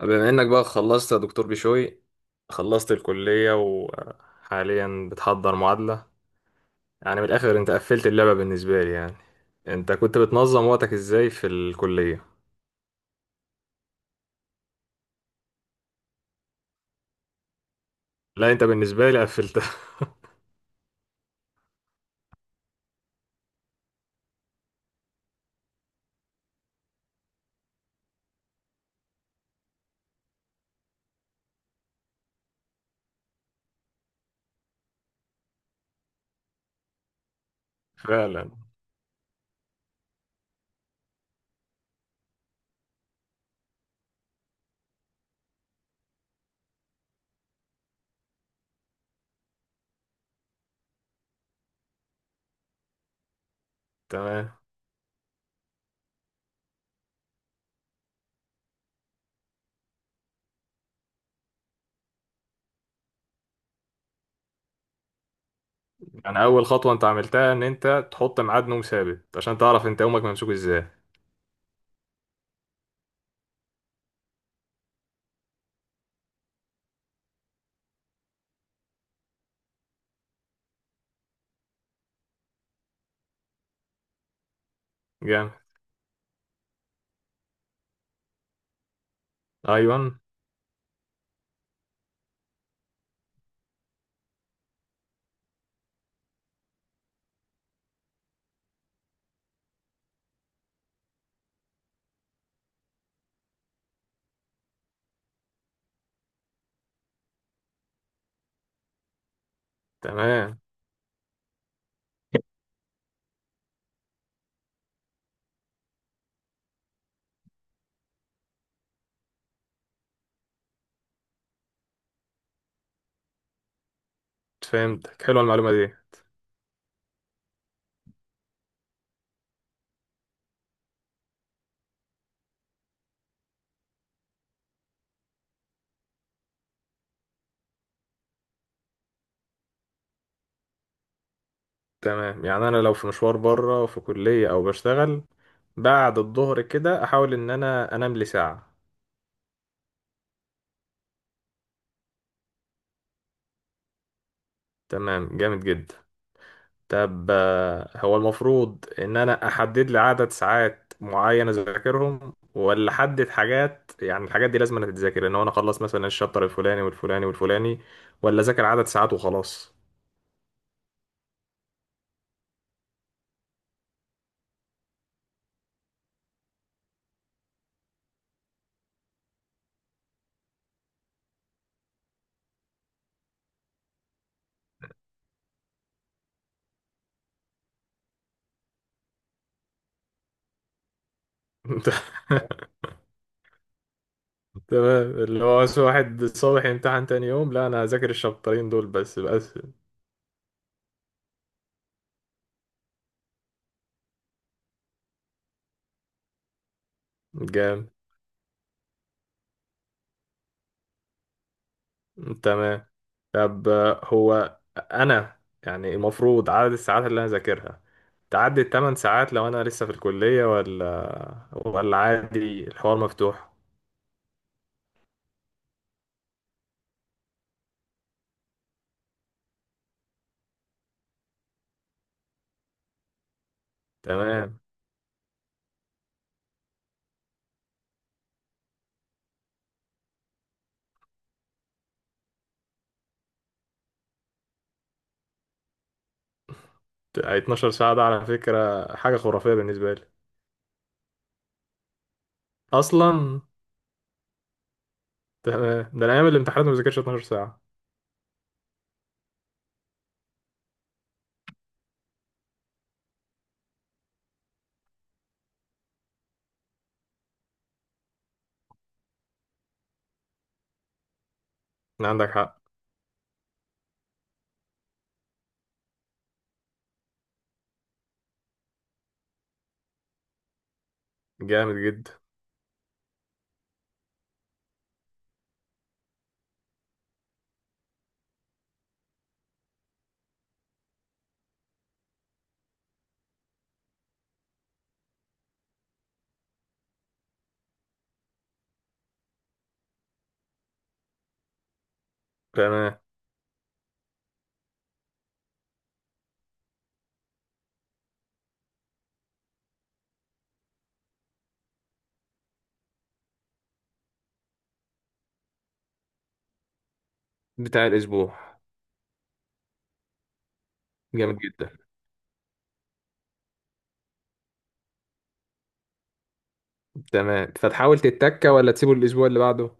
بما انك بقى خلصت يا دكتور بشوي، خلصت الكلية وحاليا بتحضر معادلة. يعني من الاخر انت قفلت اللعبة بالنسبة لي يعني. انت كنت بتنظم وقتك ازاي في الكلية؟ لا، انت بالنسبة لي قفلتها. فعلا. تمام، يعني اول خطوة انت عملتها ان انت تحط ميعاد نوم ثابت عشان تعرف انت يومك ممسوك ازاي. جامد. ايوه. تمام. فهمتك، حلوة المعلومة دي. تمام، يعني انا لو في مشوار بره في كلية او بشتغل بعد الظهر كده احاول ان انا انام لي ساعة. تمام، جامد جدا. طب هو المفروض ان انا احدد لي عدد ساعات معينة اذاكرهم ولا احدد حاجات، يعني الحاجات دي لازم أنا تتذاكر ان هو انا اخلص مثلا الشابتر الفلاني والفلاني والفلاني، ولا اذاكر عدد ساعات وخلاص؟ تمام، اللي هو بس واحد الصبح يمتحن تاني يوم، لا انا هذاكر الشابترين دول بس بس. جامد. تمام. طب هو انا يعني المفروض عدد الساعات اللي انا ذاكرها تعدي 8 ساعات لو انا لسه في الكلية، ولا عادي الحوار مفتوح؟ تمام. 12 ساعة ده على فكرة حاجة خرافية بالنسبة لي. اصلا. تمام، ده انا ايام الامتحانات ما بذاكرش 12 ساعة. عندك حق. جامد جدا. تمام. بتاع الاسبوع. جامد جدا. تمام، فتحاول تتكة ولا تسيبه الاسبوع اللي بعده؟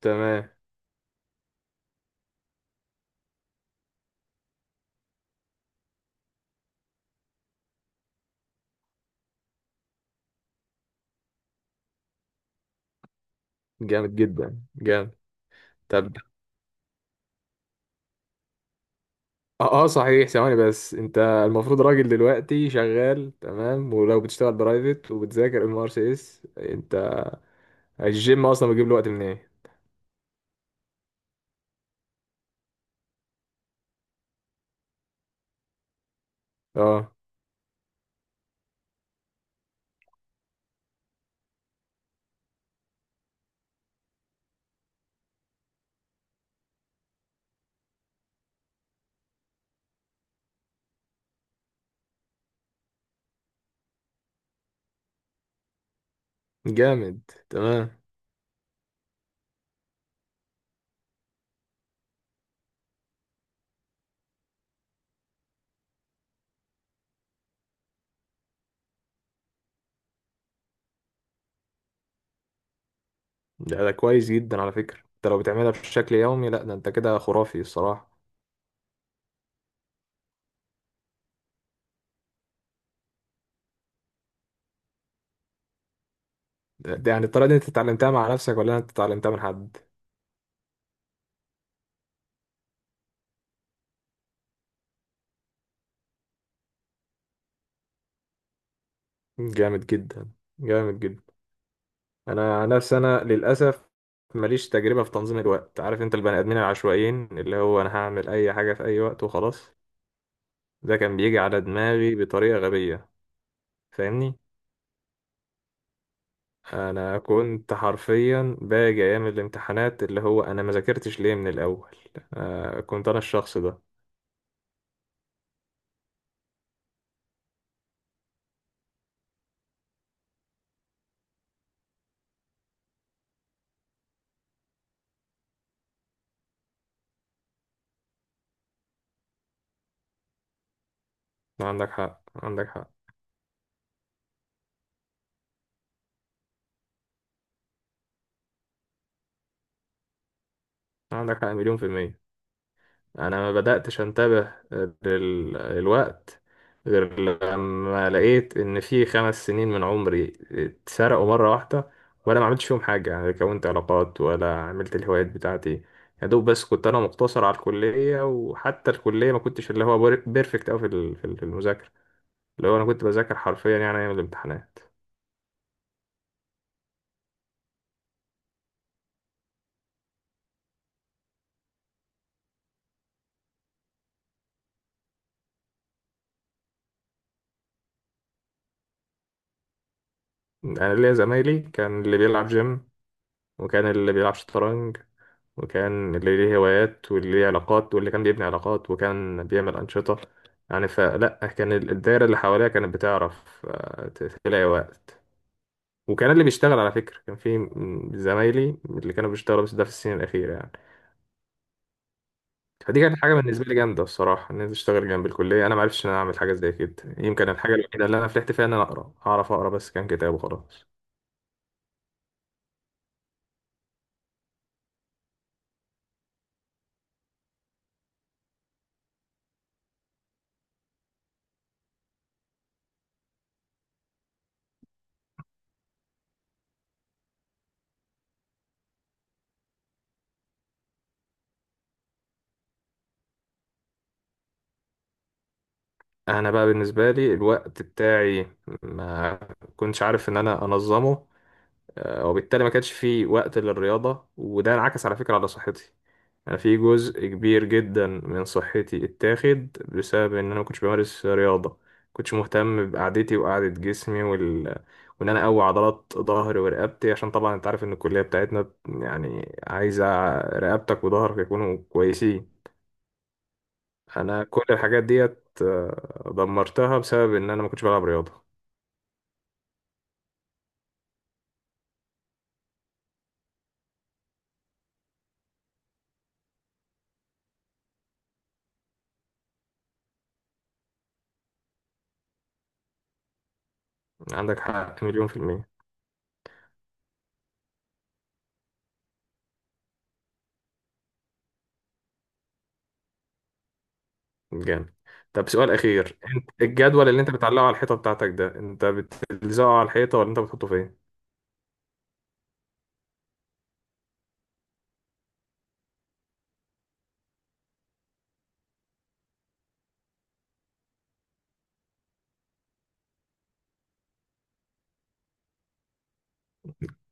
تمام. جامد جدا جامد. طب صحيح، ثواني بس، انت المفروض راجل دلوقتي شغال، تمام، ولو بتشتغل برايفت وبتذاكر ام ار سي اس، انت الجيم اصلا بيجيب له وقت من ايه؟ اه. جامد. تمام. ده كويس جدا على فكرة، انت لو بتعملها بشكل يومي لا ده انت كده خرافي الصراحة. ده يعني الطريقة دي انت اتعلمتها مع نفسك ولا انت اتعلمتها من حد؟ جامد جدا. جامد جدا. انا عن نفسي انا للاسف ماليش تجربة في تنظيم الوقت. عارف انت البني ادمين العشوائيين اللي هو انا هعمل اي حاجة في اي وقت وخلاص؟ ده كان بيجي على دماغي بطريقة غبية، فاهمني؟ انا كنت حرفيا باجي ايام الامتحانات اللي هو انا ما ذاكرتش ليه من الاول. آه، كنت انا الشخص ده. عندك حق. عندك حق. عندك حق مليون في المية. انا ما بدأتش انتبه للوقت غير لما لقيت ان في 5 سنين من عمري اتسرقوا مرة واحدة وانا ما عملتش فيهم حاجة. يعني كونت علاقات ولا عملت الهوايات بتاعتي. يا دوب بس كنت انا مقتصر على الكلية، وحتى الكلية ما كنتش اللي هو بيرفكت اوي في المذاكرة. اللي هو انا كنت بذاكر حرفيا يعني ايام الامتحانات. انا ليا زمايلي، كان اللي بيلعب جيم، وكان اللي بيلعب شطرنج، وكان اللي ليه هوايات، واللي ليه علاقات، واللي كان بيبني علاقات وكان بيعمل أنشطة. يعني فلا كان الدايرة اللي حواليها كانت بتعرف تلاقي وقت. وكان اللي بيشتغل على فكرة، كان في زمايلي اللي كانوا بيشتغلوا، بس ده في السنين الأخيرة يعني. فدي كانت حاجة بالنسبة لي جامدة الصراحة، إن أنا أشتغل جنب الكلية. أنا معرفتش إن أنا أعمل حاجة زي كده. يمكن الحاجة الوحيدة اللي أنا فلحت فيها إن أنا أقرأ، أعرف أقرأ بس كان كتاب وخلاص. انا بقى بالنسبه لي الوقت بتاعي ما كنتش عارف ان انا انظمه. وبالتالي ما كانش في وقت للرياضه، وده انعكس على فكره على صحتي. انا في جزء كبير جدا من صحتي اتاخد بسبب ان انا ما كنتش بمارس رياضه. ما كنتش مهتم بقعدتي وقعده جسمي وان انا اقوي عضلات ظهري ورقبتي. عشان طبعا انت عارف ان الكليه بتاعتنا يعني عايزه رقبتك وظهرك يكونوا كويسين. انا كل الحاجات ديت دمرتها بسبب ان انا ما كنتش بلعب رياضه. عندك حق مليون في الميه. جامد. طب سؤال اخير، انت الجدول اللي انت بتعلقه على الحيطه بتاعتك ده انت بتلزقه على الحيطه ولا انت بتحطه فين؟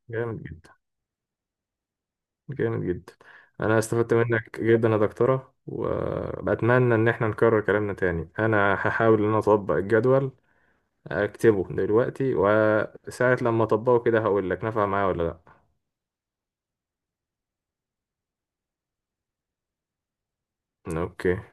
جامد جدا. جامد جدا. انا استفدت منك جدا يا دكتوره، وبتمنى ان احنا نكرر كلامنا تاني. انا هحاول ان انا اطبق الجدول، اكتبه دلوقتي وساعه لما اطبقه كده هقول لك نفع معايا ولا لا. اوكي.